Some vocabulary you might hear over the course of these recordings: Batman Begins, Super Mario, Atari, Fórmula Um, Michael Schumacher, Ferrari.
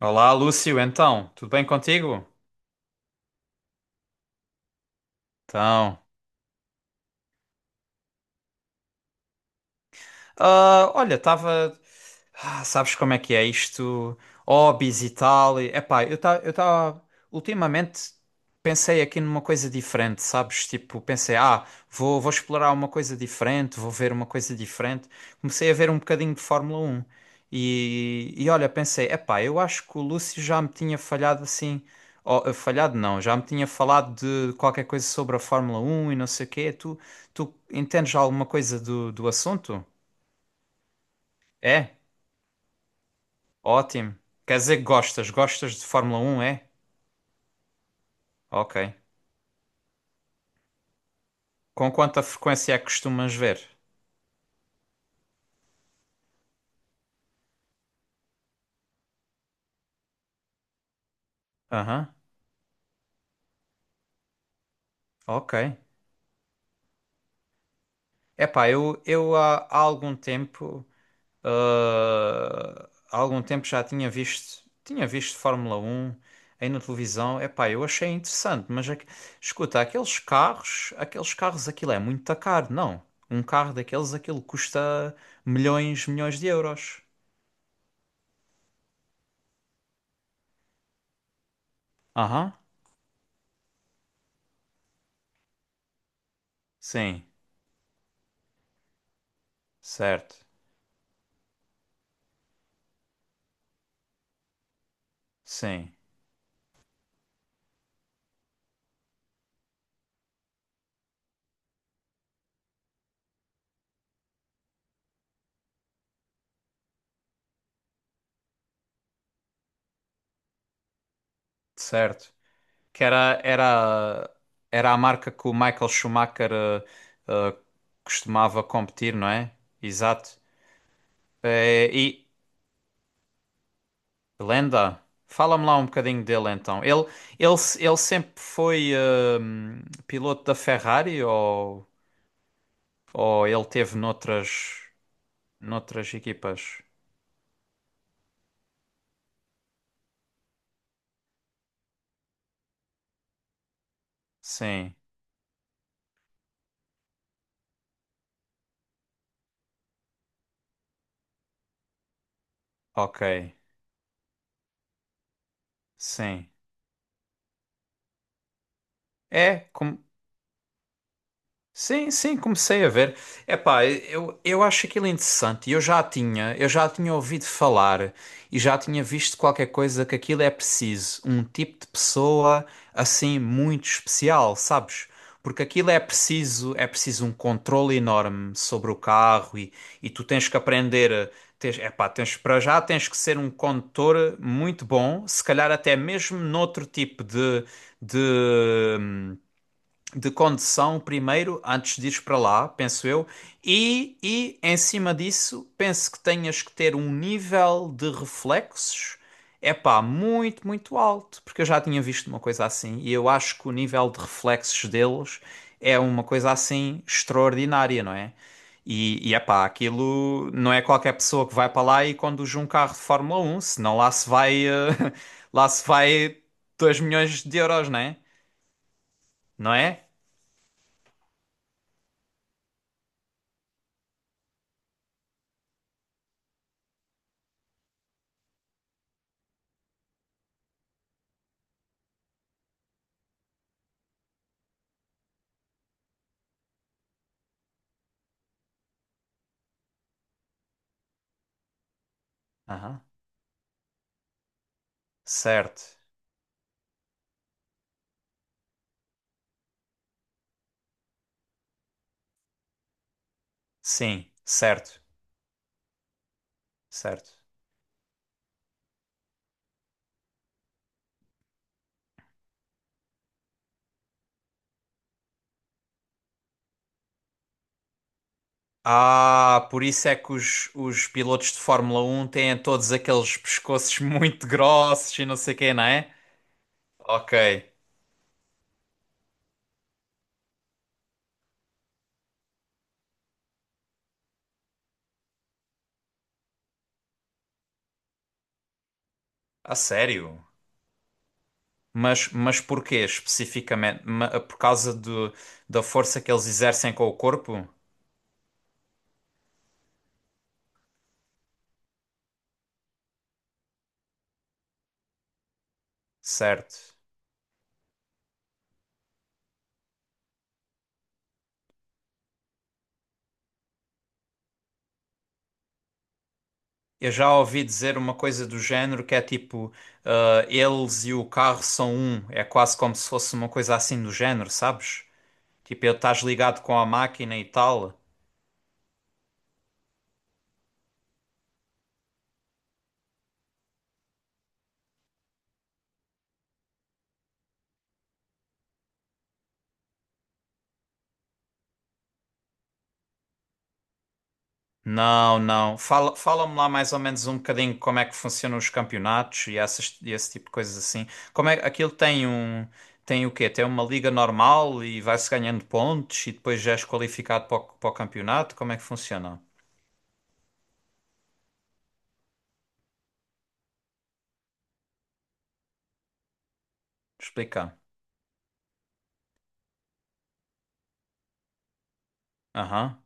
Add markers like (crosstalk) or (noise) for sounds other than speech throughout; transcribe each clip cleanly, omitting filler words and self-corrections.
Olá, Lúcio, então, tudo bem contigo? Então, olha, estava. Sabes como é que é isto? Hobbies e tal. E, epá, eu estava. Ultimamente pensei aqui numa coisa diferente, sabes? Tipo, pensei, vou explorar uma coisa diferente, vou ver uma coisa diferente. Comecei a ver um bocadinho de Fórmula Um. E olha, pensei, epá, eu acho que o Lúcio já me tinha falhado assim. Ó, falhado não, já me tinha falado de qualquer coisa sobre a Fórmula Um e não sei o quê. Tu entendes alguma coisa do assunto? É? Ótimo. Quer dizer que gostas? Gostas de Fórmula Um, é? Ok. Com quanta frequência é que costumas ver? Aham, ok. Epá, eu há algum tempo, há algum tempo já tinha visto Fórmula Um aí na televisão. Epá, eu achei interessante, mas escuta, aqueles carros, aquilo é muito caro, não? Um carro daqueles, aquilo custa milhões de euros. Aham, sim, certo, sim. Certo. Que era, era, era a marca que o Michael Schumacher eh, costumava competir, não é? Exato. E lenda, fala-me lá um bocadinho dele então. Ele, se- ele sempre foi piloto da Ferrari ou ele teve noutras, noutras equipas? Sim, ok, sim. É, como sim, sim, comecei a ver. Epá, eu acho aquilo interessante. Eu já tinha ouvido falar e já tinha visto qualquer coisa que aquilo é preciso, um tipo de pessoa assim muito especial, sabes? Porque aquilo é preciso um controle enorme sobre o carro e tu tens que tens, epá, tens para já tens que ser um condutor muito bom, se calhar até mesmo noutro tipo de de condução primeiro, antes de ires para lá, penso eu, e em cima disso, penso que tenhas que ter um nível de reflexos, é pá, muito alto, porque eu já tinha visto uma coisa assim, e eu acho que o nível de reflexos deles é uma coisa assim extraordinária, não é? E, é pá, aquilo não é qualquer pessoa que vai para lá e conduz um carro de Fórmula 1, senão lá se vai, (laughs) lá se vai 2 milhões de euros, não é? Não é? Aham. Certo. Sim, certo. Certo. Ah, por isso é que os pilotos de Fórmula Um têm todos aqueles pescoços (laughs) muito grossos e não sei quê, não é? Ok. A sério? Mas porquê especificamente? Por causa da força que eles exercem com o corpo? Certo. Eu já ouvi dizer uma coisa do género que é tipo, eles e o carro são um. É quase como se fosse uma coisa assim do género, sabes? Tipo, eu estás ligado com a máquina e tal? Não, não. Fala-me lá mais ou menos um bocadinho como é que funcionam os campeonatos e, essas, e esse tipo de coisas assim. Como é, aquilo tem um, tem o quê? Tem uma liga normal e vai-se ganhando pontos e depois já és qualificado para para o campeonato? Como é que funciona? Explica. Aham.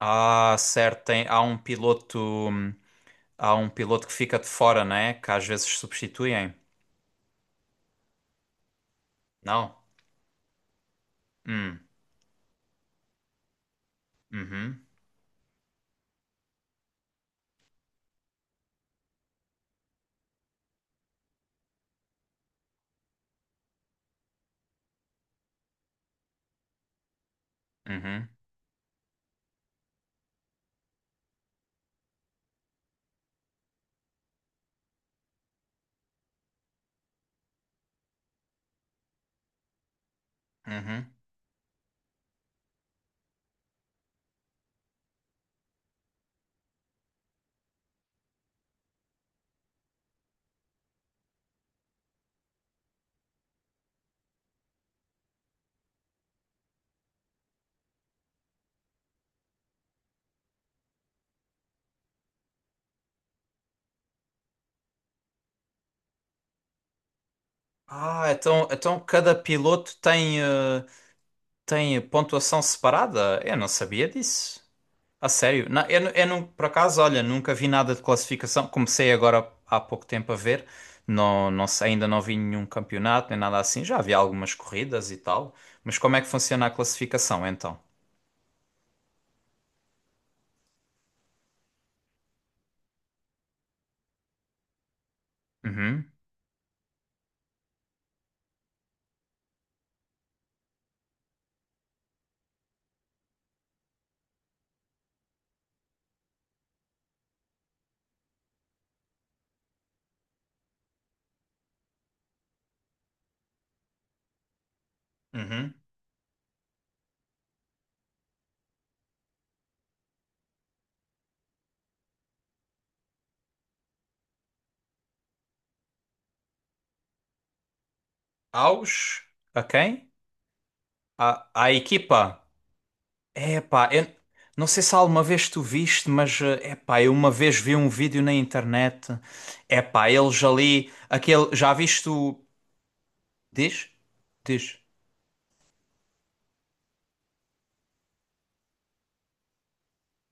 Ah, certo. Há um piloto que fica de fora, né? Que às vezes substituem. Não? Hum. Uhum. Uhum. Uhum. Ah, então cada piloto tem, tem pontuação separada? Eu não sabia disso. A sério? Não, eu não, por acaso, olha, nunca vi nada de classificação. Comecei agora há pouco tempo a ver. Não, não sei, ainda não vi nenhum campeonato nem nada assim. Já vi algumas corridas e tal. Mas como é que funciona a classificação então? Uhum, uhum. Aos? A quem? À equipa? É pá, eu não sei se alguma vez tu viste, mas é pá, eu uma vez vi um vídeo na internet. É pá, eles ali, aquele, já viste o. Diz? Diz.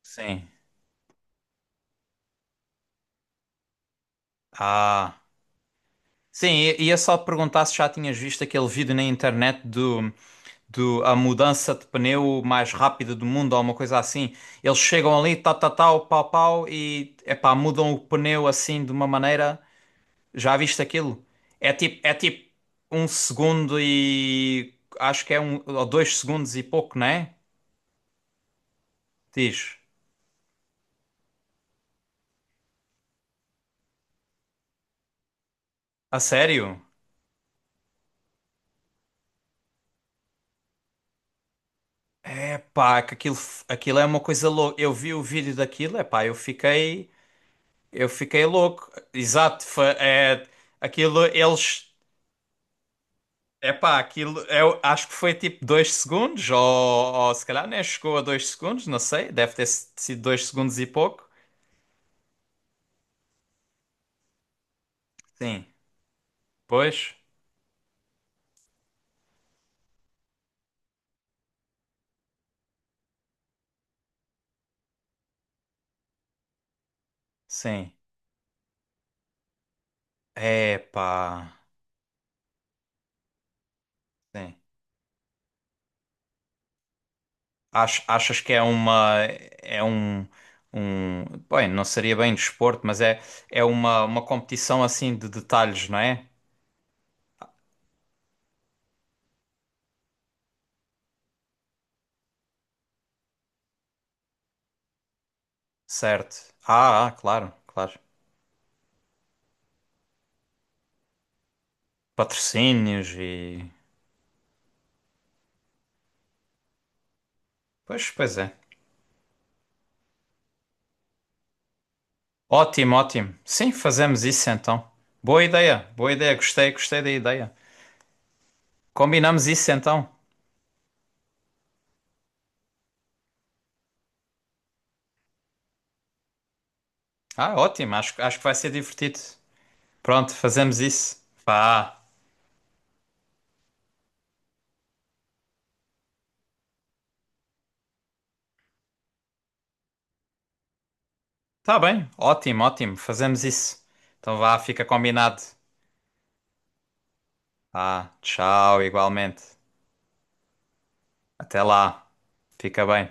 Sim. Ah. Sim, ia só perguntar se já tinhas visto aquele vídeo na internet do a mudança de pneu mais rápida do mundo ou uma coisa assim. Eles chegam ali, tal, tal, tal, pau, pau e é pá, mudam o pneu assim de uma maneira. Já viste aquilo? É tipo um segundo e acho que é um ou dois segundos e pouco, não é? Diz. A sério? É pá, que aquilo, aquilo é uma coisa louca. Eu vi o vídeo daquilo, é pá, eu fiquei louco. Exato, foi, é, aquilo eles, é pá, aquilo eu acho que foi tipo dois segundos ou se calhar nem chegou a dois segundos, não sei, deve ter sido dois segundos e pouco. Sim, pois, sim. É pá. Sim. Achas que é uma é um um bem, não seria bem desporto, mas é é uma competição assim de detalhes, não é? Certo. Ah, ah, claro, claro. Patrocínios e pois, pois é. Ótimo, ótimo. Sim, fazemos isso então. Boa ideia, boa ideia. Gostei, gostei da ideia. Combinamos isso então. Ah, ótimo. Acho que vai ser divertido. Pronto, fazemos isso. Vá. Tá bem. Ótimo, ótimo. Fazemos isso. Então vá, fica combinado. Ah, tchau, igualmente. Até lá. Fica bem.